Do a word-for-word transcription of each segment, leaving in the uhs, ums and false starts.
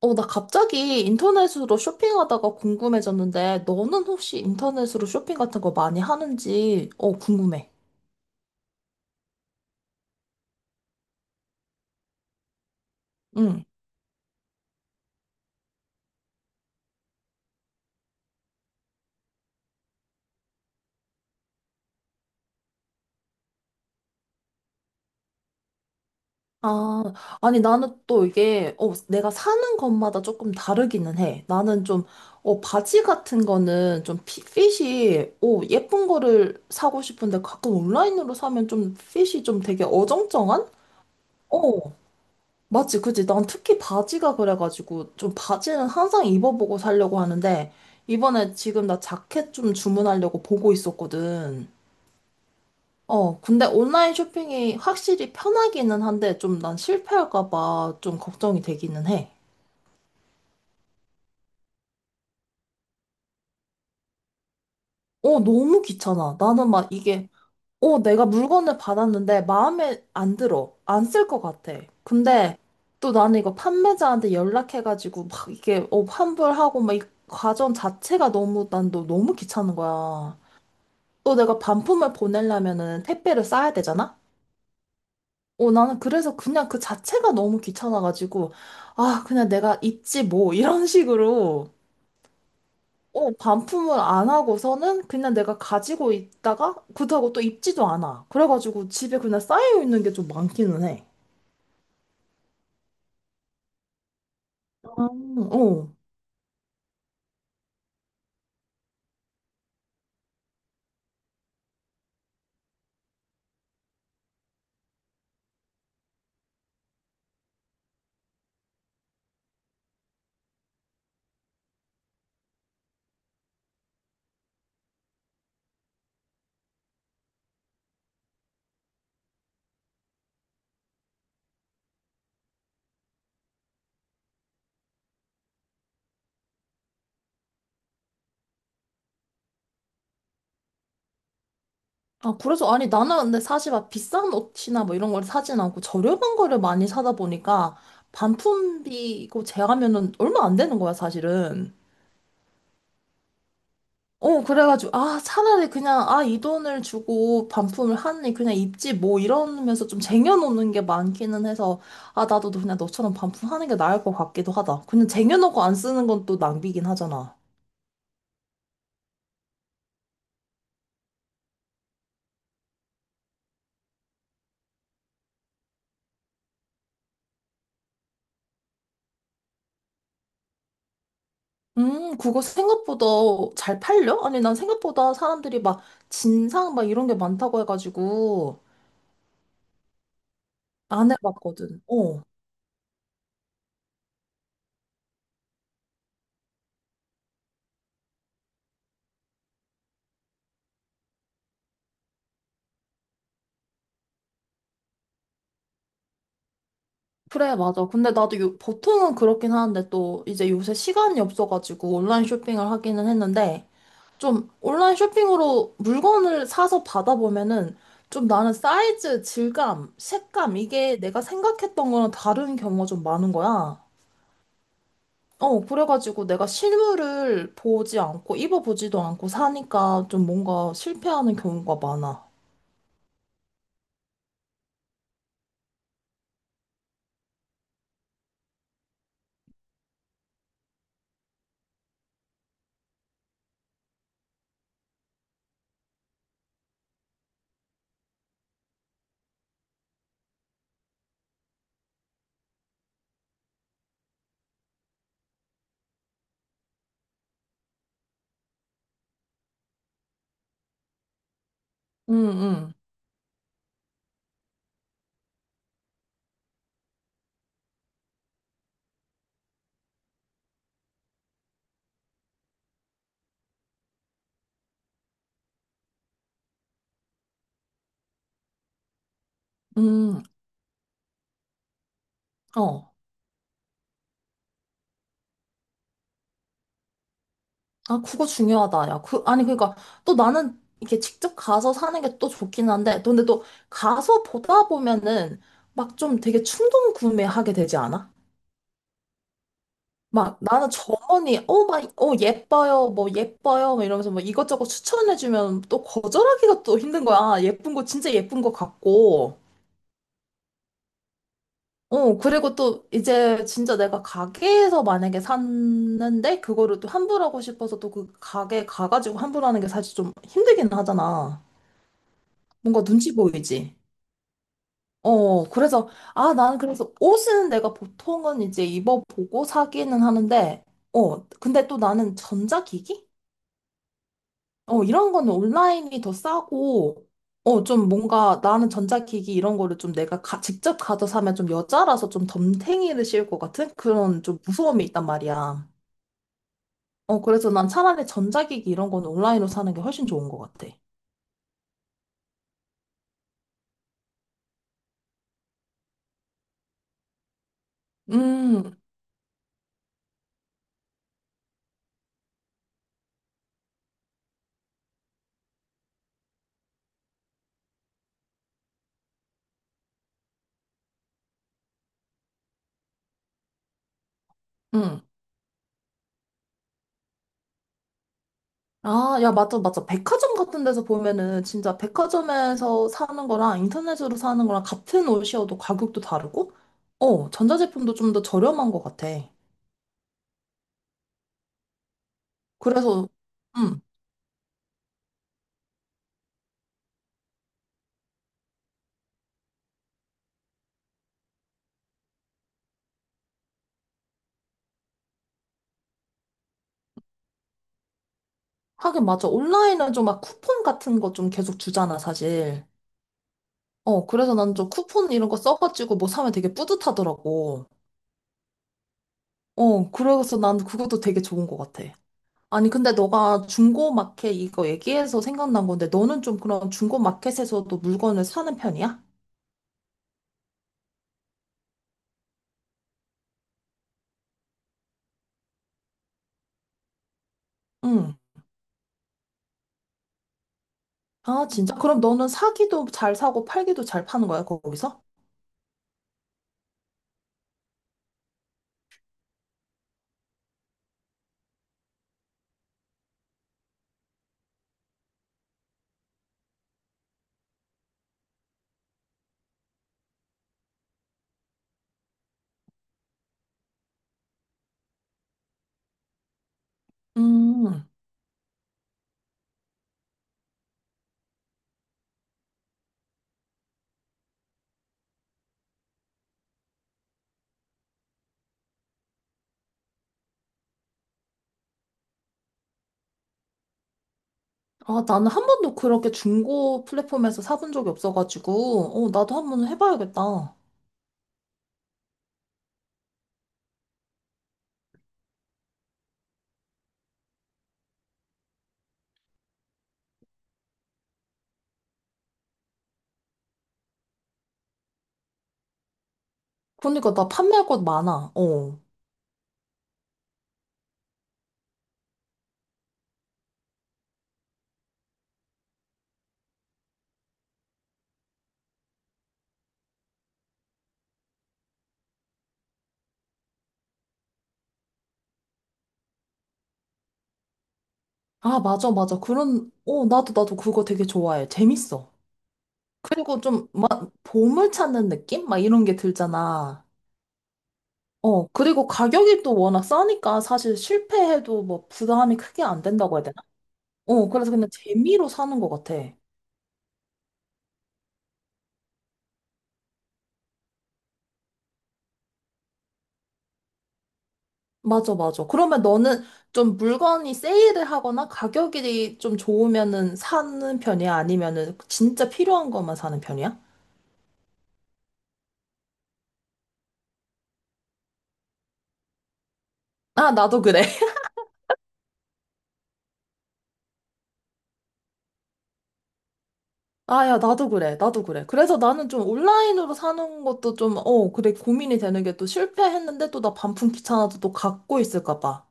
어, 나 갑자기 인터넷으로 쇼핑하다가 궁금해졌는데, 너는 혹시 인터넷으로 쇼핑 같은 거 많이 하는지, 어, 궁금해. 응. 아, 아니, 나는 또 이게, 어, 내가 사는 것마다 조금 다르기는 해. 나는 좀, 어, 바지 같은 거는 좀 피- 핏이, 어, 예쁜 거를 사고 싶은데 가끔 온라인으로 사면 좀 핏이 좀 되게 어정쩡한? 어. 맞지, 그치. 난 특히 바지가 그래가지고, 좀 바지는 항상 입어보고 살려고 하는데, 이번에 지금 나 자켓 좀 주문하려고 보고 있었거든. 어, 근데 온라인 쇼핑이 확실히 편하기는 한데, 좀 난 실패할까봐 좀 걱정이 되기는 해. 어, 너무 귀찮아. 나는 막 이게 어, 내가 물건을 받았는데 마음에 안 들어. 안 쓸 것 같아. 근데 또 나는 이거 판매자한테 연락해가지고 막 이게 어, 환불하고 막 이 과정 자체가 너무 난 너, 너무 귀찮은 거야. 또 내가 반품을 보내려면은 택배를 싸야 되잖아? 어, 나는 그래서 그냥 그 자체가 너무 귀찮아가지고 아, 그냥 내가 입지 뭐 이런 식으로 어, 반품을 안 하고서는 그냥 내가 가지고 있다가 그렇다고 또 입지도 않아. 그래가지고 집에 그냥 쌓여 있는 게 좀 많기는 해. 아, 어. 아, 그래서 아니 나는 근데 사실 막 비싼 옷이나 뭐 이런 걸 사진 않고 저렴한 거를 많이 사다 보니까 반품비고 제하면은 얼마 안 되는 거야, 사실은. 어, 그래가지고, 아, 차라리 그냥, 아, 이 돈을 주고 반품을 하니 그냥 입지 뭐 이러면서 좀 쟁여놓는 게 많기는 해서, 아, 나도 그냥 너처럼 반품하는 게 나을 것 같기도 하다. 그냥 쟁여놓고 안 쓰는 건 또 낭비긴 하잖아. 음, 그거 생각보다 잘 팔려? 아니, 난 생각보다 사람들이 막 진상 막 이런 게 많다고 해가지고 안 해봤거든. 어. 그래, 맞아. 근데 나도 요, 보통은 그렇긴 하는데 또 이제 요새 시간이 없어가지고 온라인 쇼핑을 하기는 했는데, 좀 온라인 쇼핑으로 물건을 사서 받아보면은 좀 나는 사이즈, 질감, 색감 이게 내가 생각했던 거랑 다른 경우가 좀 많은 거야. 어, 그래가지고 내가 실물을 보지 않고 입어보지도 않고 사니까 좀 뭔가 실패하는 경우가 많아. 응, 응, 응. 어. 아, 그거 중요하다. 야, 그, 아니, 그러니까 또 나는 이렇게 직접 가서 사는 게 또 좋긴 한데, 근데 또 가서 보다 보면은 막 좀 되게 충동 구매하게 되지 않아? 막 나는 점원이 어, 막, 어, 예뻐요, 뭐 예뻐요, 막 이러면서 뭐 이것저것 추천해주면 또 거절하기가 또 힘든 거야. "아, 예쁜 거 진짜 예쁜 거 같고. 어, 그리고 또 이제 진짜 내가 가게에서 만약에 샀는데 그거를 또 환불하고 싶어서 또 그 가게 가가지고 환불하는 게 사실 좀 힘들긴 하잖아. 뭔가 눈치 보이지. 어, 그래서, 아, 나는 그래서 옷은 내가 보통은 이제 입어보고 사기는 하는데, 어, 근데 또 나는 전자기기? 어, 이런 거는 온라인이 더 싸고, 어, 좀 뭔가 나는 전자기기 이런 거를 좀 내가 가- 직접 가서 사면 좀 여자라서 좀 덤탱이를 씌울 것 같은 그런 좀 무서움이 있단 말이야. 어, 그래서 난 차라리 전자기기 이런 거는 온라인으로 사는 게 훨씬 좋은 것 같아. 음, 음. 아, 야, 맞아, 맞아. 백화점 같은 데서 보면은 진짜 백화점에서 사는 거랑 인터넷으로 사는 거랑 같은 옷이어도 가격도 다르고, 어, 전자제품도 좀 더 저렴한 것 같아. 그래서, 음. 하긴 맞아. 온라인은 좀 막 쿠폰 같은 거 좀 계속 주잖아, 사실. 어, 그래서 난 좀 쿠폰 이런 거 써가지고 뭐 사면 되게 뿌듯하더라고. 어, 그래서 난 그것도 되게 좋은 것 같아. 아니, 근데 너가 중고마켓 이거 얘기해서 생각난 건데, 너는 좀 그런 중고마켓에서도 물건을 사는 편이야? 응. 아, 진짜? 그럼 너는 사기도 잘 사고 팔기도 잘 파는 거야, 거기서? 음. 아, 나는 한 번도 그렇게 중고 플랫폼에서 사본 적이 없어가지고, 어, 나도 한 번 해봐야겠다. 그러니까 나 판매할 것 많아. 어. 아, 맞아, 맞아. 그런, 어, 나도, 나도 그거 되게 좋아해. 재밌어. 그리고 좀, 막, 보물 찾는 느낌? 막 이런 게 들잖아. 어, 그리고 가격이 또 워낙 싸니까 사실 실패해도 뭐 부담이 크게 안 된다고 해야 되나? 어, 그래서 그냥 재미로 사는 것 같아. 맞아, 맞아. 그러면 너는 좀 물건이 세일을 하거나 가격이 좀 좋으면은 사는 편이야? 아니면은 진짜 필요한 것만 사는 편이야? 아, 나도 그래. 아, 야, 나도 그래. 나도 그래. 그래서 나는 좀 온라인으로 사는 것도 좀, 어, 그래, 고민이 되는 게 또 실패했는데 또 나 반품 귀찮아서 또 갖고 있을까 봐.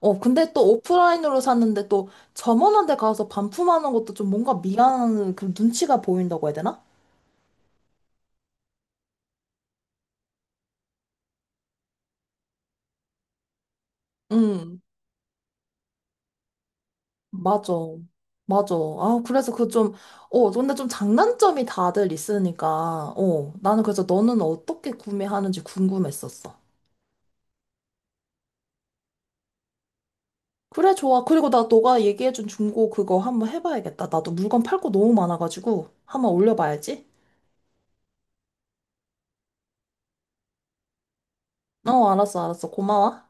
어, 근데 또 오프라인으로 샀는데 또 점원한테 가서 반품하는 것도 좀 뭔가 미안한 그 눈치가 보인다고 해야 되나? 응, 맞아. 맞아. 아, 그래서 그 좀, 어, 근데 좀 장단점이 다들 있으니까, 어, 나는 그래서 너는 어떻게 구매하는지 궁금했었어. 그래, 좋아. 그리고 나 너가 얘기해준 중고 그거 한번 해봐야겠다. 나도 물건 팔 거 너무 많아가지고 한번 올려봐야지. 어, 알았어, 알았어. 고마워.